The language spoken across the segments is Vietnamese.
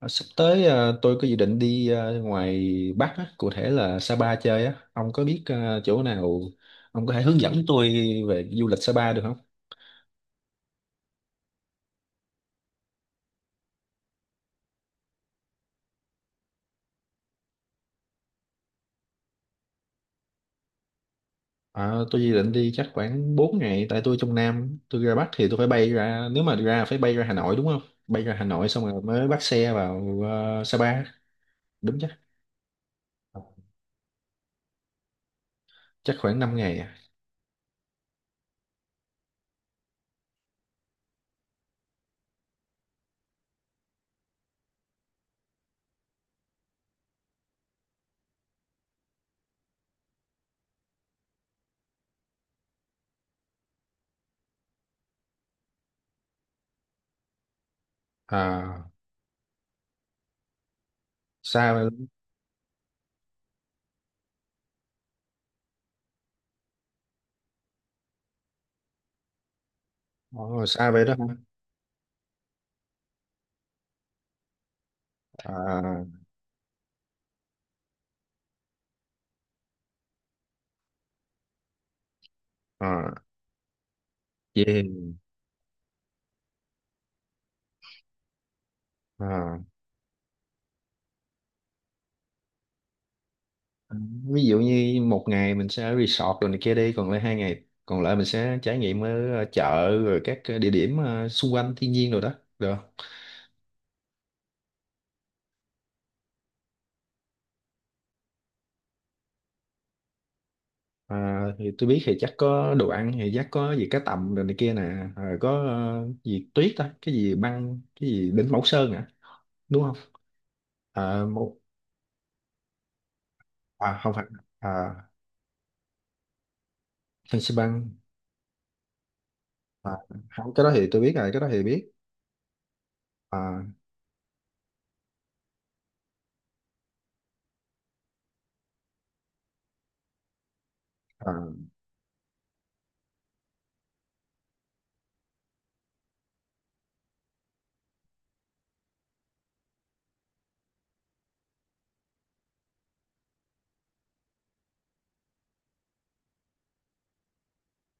À, sắp tới à, tôi có dự định đi à, ngoài Bắc á, cụ thể là Sapa chơi á. Ông có biết à, chỗ nào ông có thể hướng dẫn tôi về du lịch Sapa được không? À, tôi dự định đi chắc khoảng 4 ngày tại tôi trong Nam, tôi ra Bắc thì tôi phải bay ra, nếu mà ra phải bay ra Hà Nội đúng không? Bay ra Hà Nội xong rồi mới bắt xe vào à, Sapa, đúng chắc. Chắc khoảng 5 ngày à. À, xa vậy- Ồ, xa vậy đó hả? À, à, yeah. Ờ. Ừ, ví dụ như một ngày mình sẽ ở resort rồi này kia, đi còn lại 2 ngày còn lại mình sẽ trải nghiệm ở ờ, chợ rồi các ờ, địa điểm ờ, xung quanh thiên nhiên rồi đó, được không? À, thì tôi biết thì chắc có đồ ăn thì chắc có gì cá tầm rồi này kia nè, à, có ờ, gì tuyết đó cái gì băng cái gì đỉnh Mẫu Sơn hả, đúng không? À, một à, không phải à, Fansipan băng à, không cái đó thì tôi biết rồi, cái đó thì biết. À, à,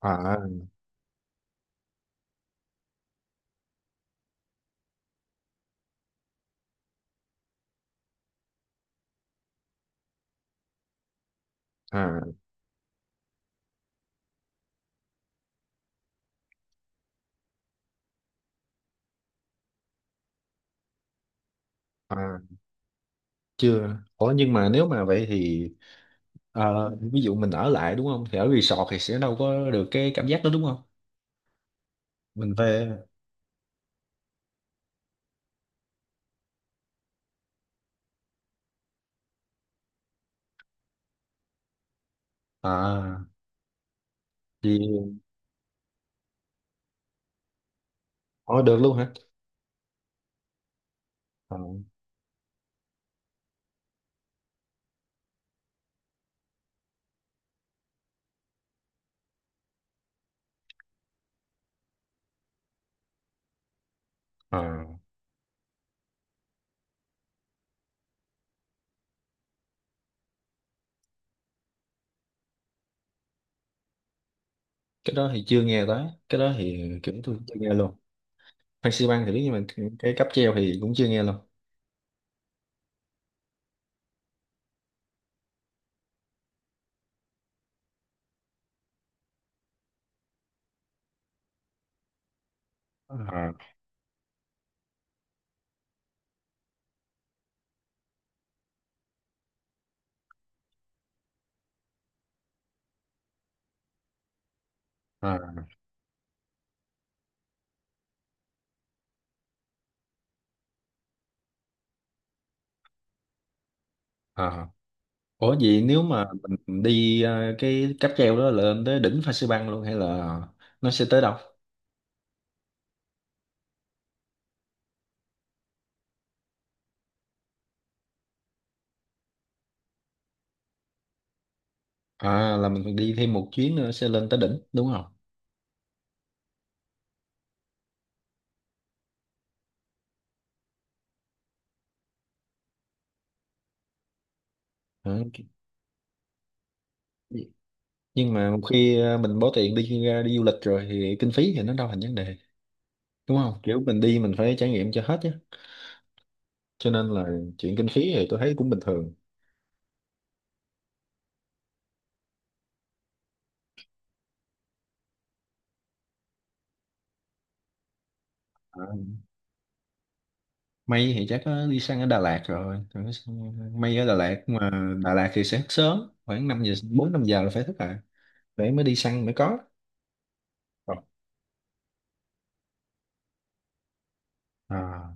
à, à, à, chưa, ủa nhưng mà nếu mà vậy thì Ờ, ví dụ mình ở lại đúng không thì ở resort thì sẽ đâu có được cái cảm giác đó đúng không. Mình phải à thì Ồ, được luôn hả? Ờ, ờ. Cái đó thì chưa nghe tới, cái đó thì kiểu tôi chưa nghe luôn. Phan xi Păng thì biết nhưng mà cái cáp treo thì cũng chưa nghe luôn. À à. Ờ. Ủa vậy nếu mà mình đi ờ, cái cáp treo đó lên tới đỉnh Phan xi Păng luôn hay là nó sẽ tới đâu? À là mình đi thêm một chuyến nữa sẽ lên tới đỉnh đúng không? Ờ, ok. Nhưng mà một khi ờ, mình bỏ tiền đi ra đi du lịch rồi thì kinh phí thì nó đâu thành vấn đề, đúng không? Kiểu mình đi mình phải trải nghiệm cho hết chứ. Cho nên là chuyện kinh phí thì tôi thấy cũng bình thường. Ờ, May thì chắc có đi sang ở Đà Lạt rồi. Còn cái sang- May ở Đà Lạt mà Đà Lạt thì sẽ thức sớm khoảng 5 giờ 4 5 giờ là phải thức lại để mới đi săn mới có. Ờ. À.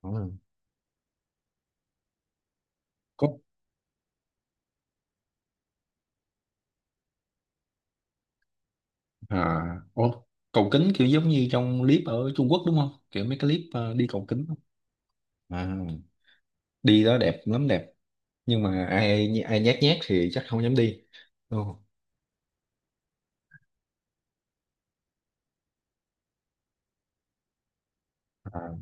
Ờ. Có, à, ô, cầu kính kiểu giống như trong clip ở Trung Quốc đúng không, kiểu mấy cái clip ờ, đi cầu kính à, đi đó đẹp lắm, đẹp nhưng mà ai ai nhát nhát thì chắc không dám đi. Ồ, à,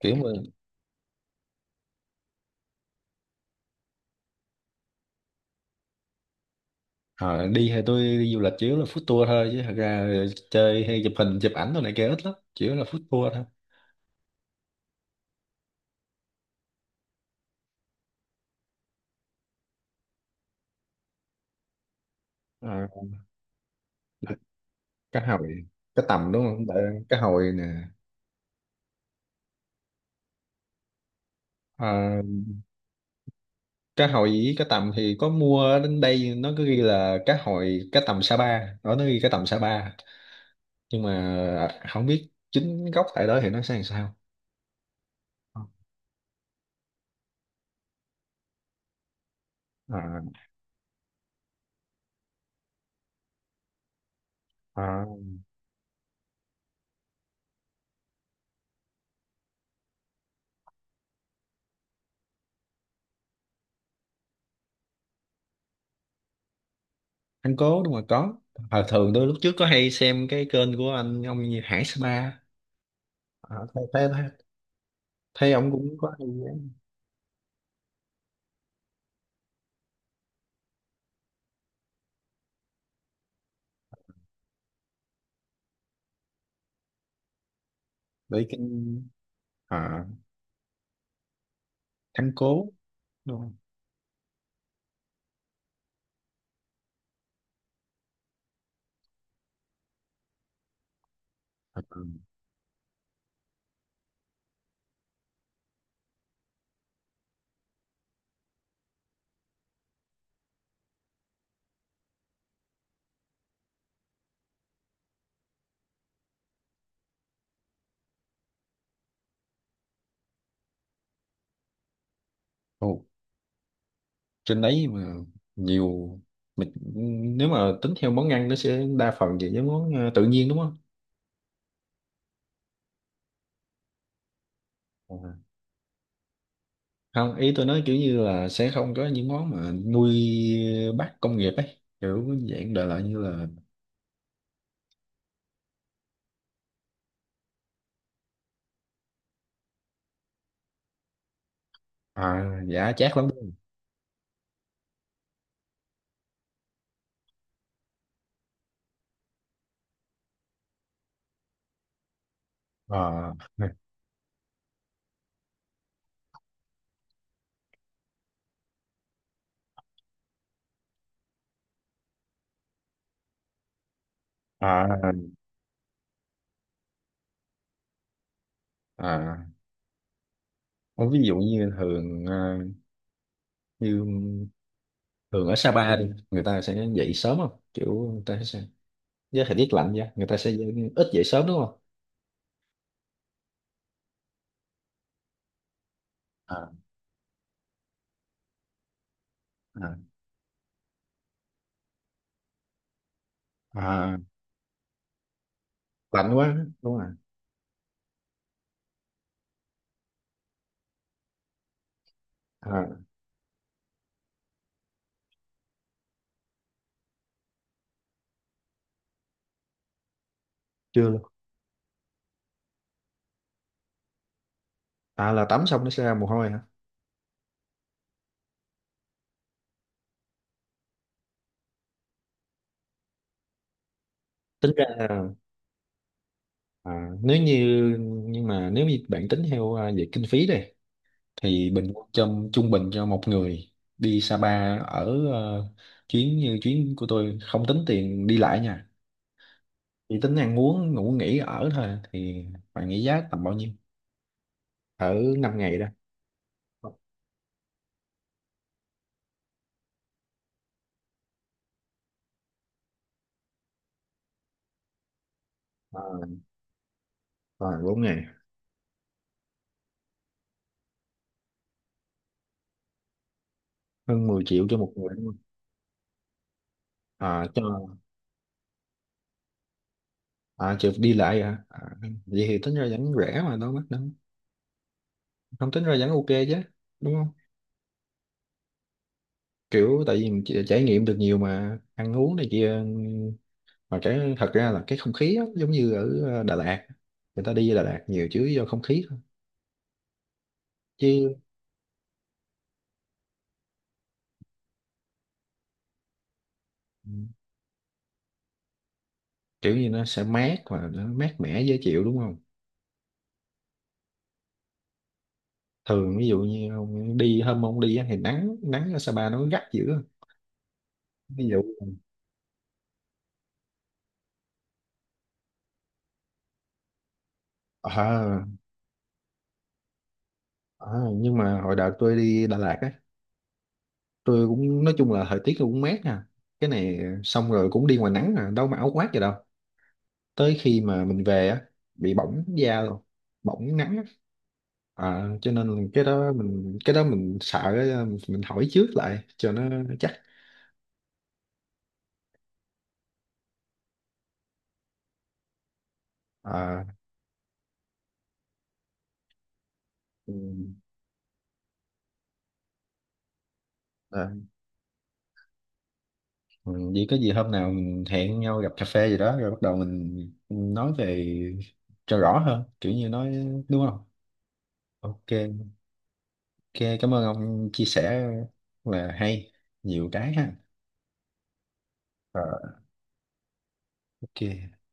kiểu mà à, đi hay tôi đi du lịch chủ yếu là food tour thôi chứ thật ra chơi hay chụp hình chụp ảnh đồ này kia ít lắm, chủ yếu là food tour thôi. À, cá hồi, cá tầm đúng không? Đợi, cá hồi nè. À, cá hồi với cá tầm thì có mua đến đây nó cứ ghi là cá hồi cá tầm Sa Pa đó, nó ghi cá tầm Sa Pa nhưng mà không biết chính gốc tại đó thì nó sẽ làm sao. À, à, anh cố đúng rồi có. À, thường tôi lúc trước có hay xem cái kênh của anh ông như Hải Spa. À, thấy, ông cũng có hay để kênh à, thắng cố đúng không. À, ừ. Ồ, trên đấy mà nhiều. Mình nếu mà tính theo món ăn nó sẽ đa phần về những món ờ, tự nhiên đúng không? À. Không, ý tôi nói kiểu như là sẽ không có những món mà nuôi bắt công nghiệp ấy, kiểu dạng đời lại như là à, giả chát lắm à, à, à. Ờ, ví dụ như thường ờ, như thường ở Sapa đi người ta sẽ dậy sớm không, kiểu người ta sẽ với thời tiết lạnh ra người ta sẽ ít dậy sớm đúng không? À, à, à, lạnh quá, đúng rồi. À, chưa luôn. À là tắm xong nó sẽ ra mồ hôi hả? Tính ra là- à, nếu như nhưng mà nếu như bạn tính theo à, về kinh phí đây thì bình quân trong trung bình cho một người đi Sapa ở ờ, chuyến như chuyến của tôi không tính tiền đi lại nha, chỉ tính ăn uống ngủ nghỉ ở thôi thì bạn nghĩ giá tầm bao nhiêu ở 5 ngày đó? À, rồi 4 ngày hơn 10 triệu cho một người đúng không? À cho à chịu đi lại hả, à, vậy thì tính ra vẫn rẻ mà đâu mắc đâu, không tính ra vẫn ok chứ, đúng không? Kiểu tại vì mình chỉ- trải nghiệm được nhiều mà ăn uống này kia mà, cái thật ra là cái không khí á, giống như ở ờ, Đà Lạt người ta đi Đà Lạt nhiều chứ do không khí thôi chứ. Ừ, kiểu như nó sẽ mát và nó mát mẻ dễ chịu đúng không. Thường ví dụ như ông đi hôm ông đi á thì nắng, nắng ở Sapa nó gắt dữ. Ví dụ ờ ờ, nhưng mà hồi đợt tôi đi Đà Lạt á tôi cũng nói chung là thời tiết cũng mát nè, cái này xong rồi cũng đi ngoài nắng à đâu mà áo khoác gì đâu, tới khi mà mình về á bị bỏng da luôn, bỏng nắng á. Ờ, cho nên là cái đó mình sợ á, mình hỏi trước lại cho nó chắc. Ờ, ừ. Ờ, ừ, vậy có gì hôm nào mình hẹn nhau gặp cà phê gì đó rồi bắt đầu mình nói về cho rõ hơn kiểu như nói đúng không? Ok. Ok, cảm ơn ông chia sẻ là hay nhiều cái ha. Rồi. Ok.